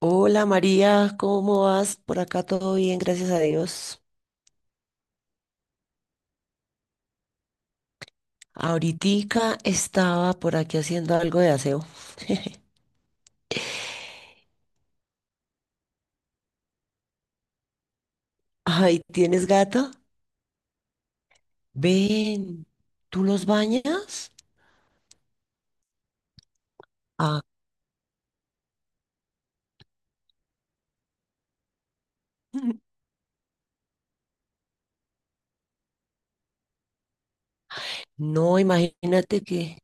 Hola María, ¿cómo vas? Por acá todo bien, gracias a Dios. Ahoritica estaba por aquí haciendo algo de aseo. Ay, ¿tienes gato? Ven, ¿tú los bañas? Ah, no, imagínate que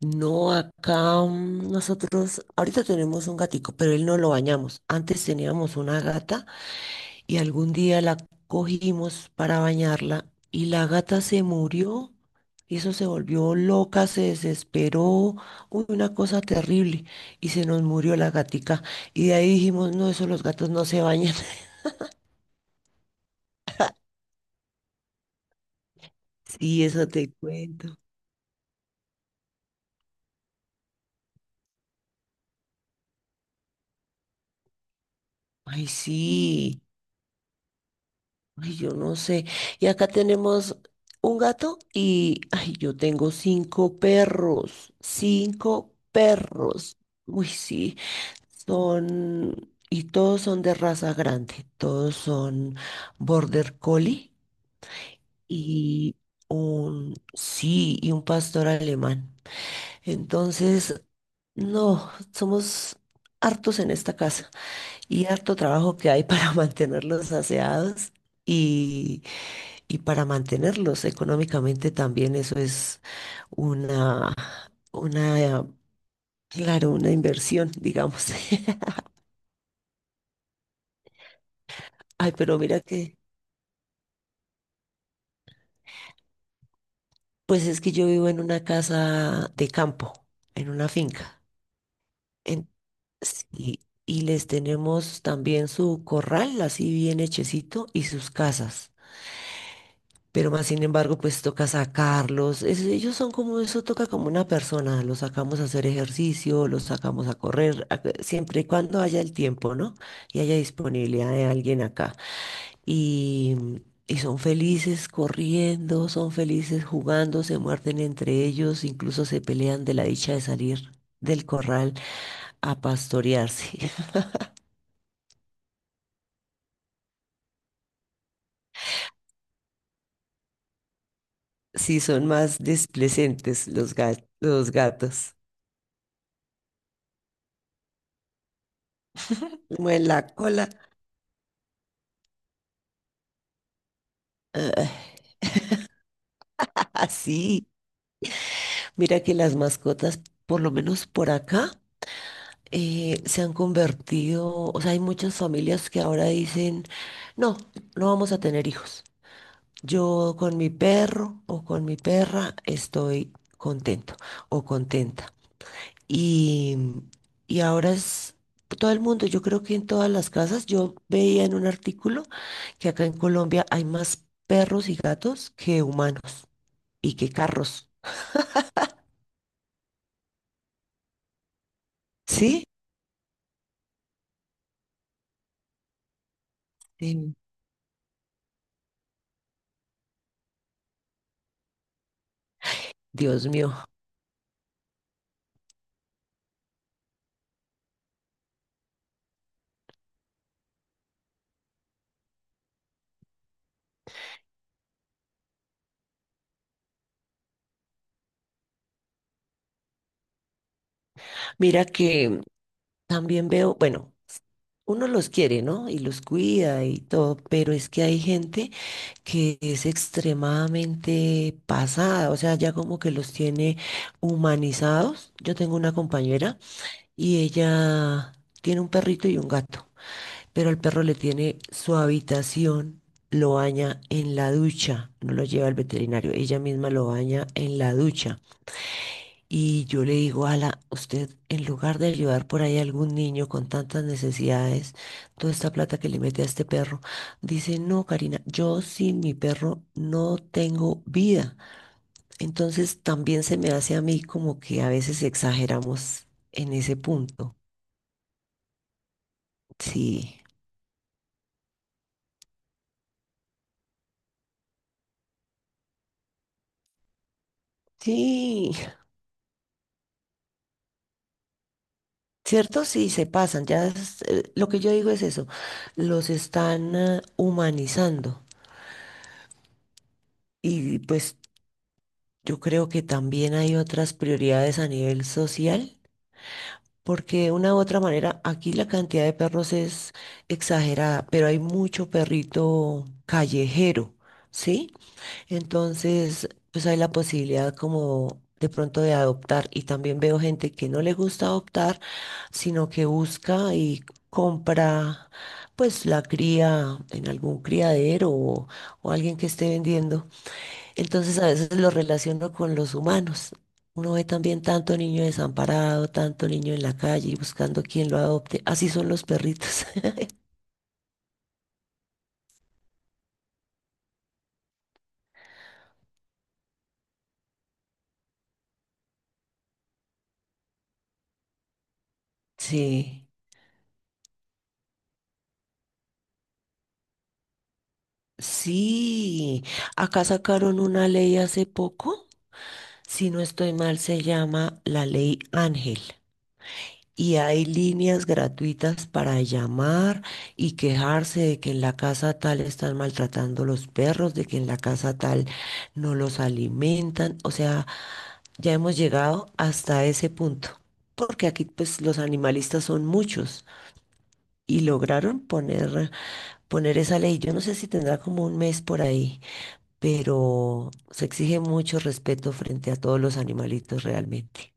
no, acá nosotros ahorita tenemos un gatico, pero él no lo bañamos. Antes teníamos una gata. Y algún día la cogimos para bañarla y la gata se murió. Eso se volvió loca, se desesperó, uy, una cosa terrible. Y se nos murió la gatica. Y de ahí dijimos, no, eso los gatos no se bañan. Sí, eso te cuento. Ay, sí. Ay, yo no sé. Y acá tenemos un gato y, ay, yo tengo cinco perros. Cinco perros. Uy, sí. Y todos son de raza grande, todos son Border Collie y sí, y un pastor alemán. Entonces, no, somos hartos en esta casa y harto trabajo que hay para mantenerlos aseados y, y para mantenerlos económicamente también. Eso es una, una, claro, una inversión, digamos. Ay, pero mira que... Pues es que yo vivo en una casa de campo, en una finca. En- sí, y les tenemos también su corral, así bien hechecito, y sus casas pero más sin embargo, pues toca sacarlos. Ellos son como eso, toca como una persona. Los sacamos a hacer ejercicio, los sacamos a correr, siempre y cuando haya el tiempo, ¿no? Y haya disponibilidad de alguien acá. Y, y son felices corriendo, son felices jugando, se muerden entre ellos, incluso se pelean de la dicha de salir del corral a pastorearse. Sí, son más displecentes los gatos. Mueven la cola. ah, Así, mira que las mascotas, por lo menos por acá, se han convertido, o sea, hay muchas familias que ahora dicen, no, no vamos a tener hijos. Yo con mi perro o con mi perra estoy contento o contenta. Y, y ahora es todo el mundo, yo creo que en todas las casas, yo veía en un artículo que acá en Colombia hay más perros y gatos que humanos y que carros. ¿Sí? Sí. Dios mío. Mira que también veo, bueno, uno los quiere, ¿no? Y los cuida y todo, pero es que hay gente que es extremadamente pasada, o sea, ya como que los tiene humanizados. Yo tengo una compañera y ella tiene un perrito y un gato, pero el perro le tiene su habitación, lo baña en la ducha, no lo lleva al veterinario, ella misma lo baña en la ducha. Y yo le digo, Ala, usted en lugar de ayudar por ahí a algún niño con tantas necesidades, toda esta plata que le mete a este perro, dice, no, Karina, yo sin mi perro no tengo vida. Entonces también se me hace a mí como que a veces exageramos en ese punto. Sí, sí, cierto, sí, se pasan. Ya es, lo que yo digo es eso, los están humanizando. Y pues yo creo que también hay otras prioridades a nivel social, porque de una u otra manera aquí la cantidad de perros es exagerada, pero hay mucho perrito callejero, ¿sí? Entonces, pues hay la posibilidad como de pronto de adoptar y también veo gente que no le gusta adoptar, sino que busca y compra pues la cría en algún criadero o alguien que esté vendiendo. Entonces a veces lo relaciono con los humanos. Uno ve también tanto niño desamparado, tanto niño en la calle y buscando quien lo adopte. Así son los perritos. Sí, sí. Acá sacaron una ley hace poco, si no estoy mal, se llama la ley Ángel. Y hay líneas gratuitas para llamar y quejarse de que en la casa tal están maltratando los perros, de que en la casa tal no los alimentan. O sea, ya hemos llegado hasta ese punto, porque aquí pues los animalistas son muchos y lograron poner esa ley. Yo no sé si tendrá como un mes por ahí, pero se exige mucho respeto frente a todos los animalitos realmente.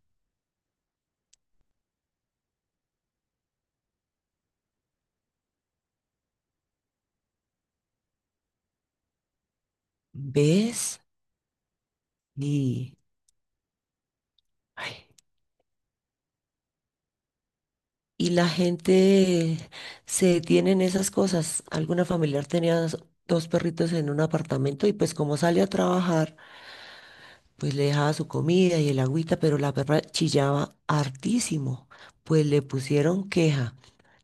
¿Ves? Y... ay, y la gente se detiene en esas cosas. Alguna familiar tenía dos perritos en un apartamento y pues como sale a trabajar, pues le dejaba su comida y el agüita, pero la perra chillaba hartísimo. Pues le pusieron queja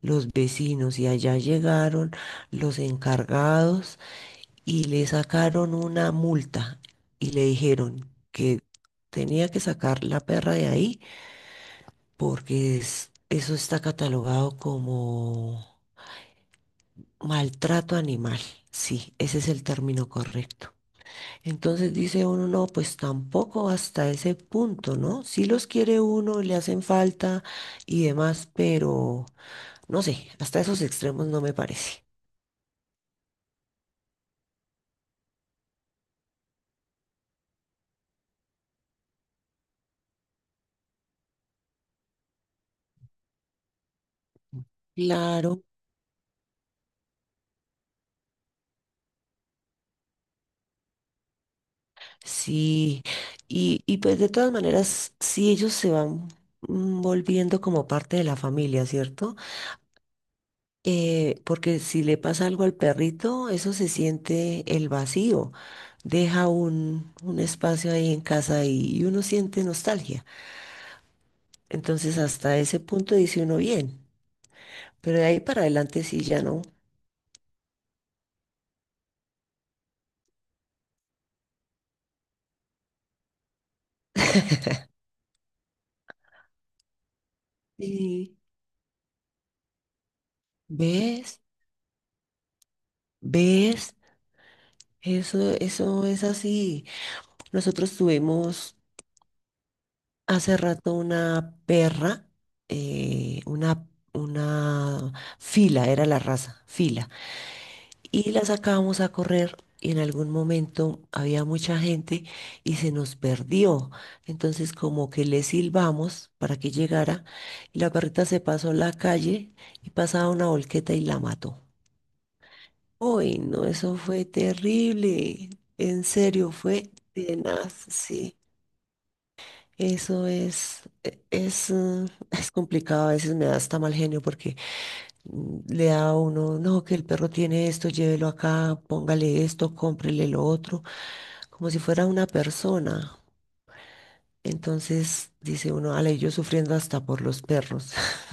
los vecinos y allá llegaron los encargados y le sacaron una multa y le dijeron que tenía que sacar la perra de ahí porque eso está catalogado como Maltrato animal, sí, ese es el término correcto. Entonces dice uno, no, pues tampoco hasta ese punto, ¿no? Sí los quiere uno, le hacen falta y demás, pero no sé, hasta esos extremos no me parece. Claro, sí. Y pues de todas maneras, sí ellos se van volviendo como parte de la familia, ¿cierto? Porque si le pasa algo al perrito, eso se siente el vacío. Deja un espacio ahí en casa y uno siente nostalgia. Entonces hasta ese punto dice uno bien, pero de ahí para adelante sí ya no. Sí. ¿Ves? ¿Ves? Eso es así. Nosotros tuvimos hace rato una perra, eh, una, una fila, era la raza, fila. Y la sacábamos a correr. Y en algún momento había mucha gente y se nos perdió. Entonces como que le silbamos para que llegara y la perrita se pasó la calle y pasaba una volqueta y la mató. Uy, no, eso fue terrible. En serio, fue tenaz, sí. Eso es, e- es, mm, es complicado. A veces me da hasta mal genio porque le da a uno, no, que el perro tiene esto, llévelo acá, póngale esto, cómprele lo otro, como si fuera una persona. Entonces dice uno, ale, yo sufriendo hasta por los perros.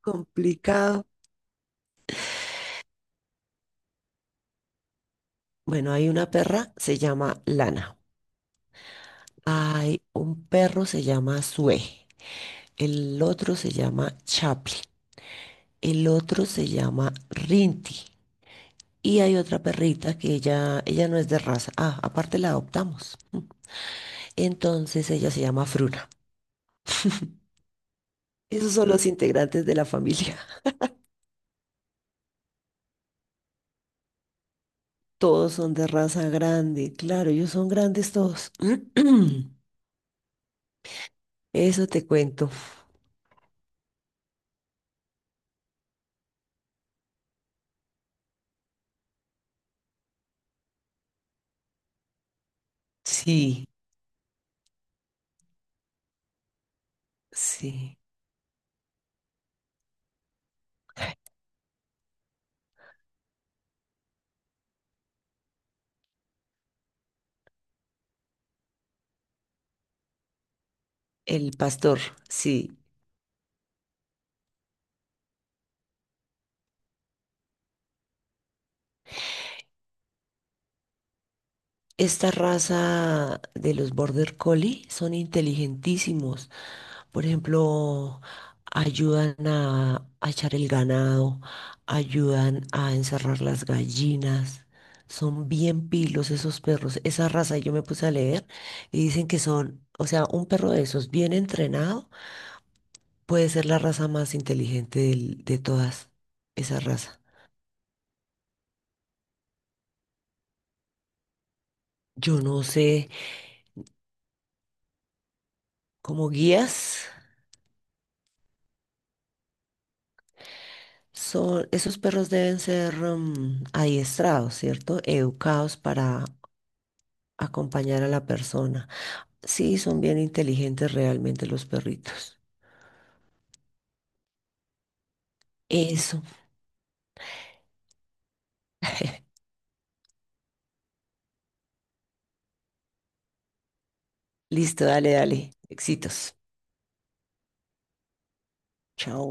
Complicado. Bueno, hay una perra, se llama Lana. Hay un perro, se llama Sue. El otro se llama Chaplin. El otro se llama Rinty. Y hay otra perrita que ella no es de raza. Ah, aparte la adoptamos. Entonces ella se llama Fruna. Esos son los integrantes de la familia. Todos son de raza grande. Claro, ellos son grandes todos. Eso te cuento. Sí, sí. El pastor, sí. Esta raza de los Border Collie son inteligentísimos. Por ejemplo, ayudan a echar el ganado, ayudan a encerrar las gallinas. Son bien pilos esos perros. Esa raza yo me puse a leer y dicen que son, o sea, un perro de esos bien entrenado puede ser la raza más inteligente de todas esa raza. Yo no sé, como guías. Son, esos perros deben ser adiestrados, ¿cierto? Educados para acompañar a la persona. Sí, son bien inteligentes realmente los perritos. Eso. Listo, dale, dale. Éxitos. Chao.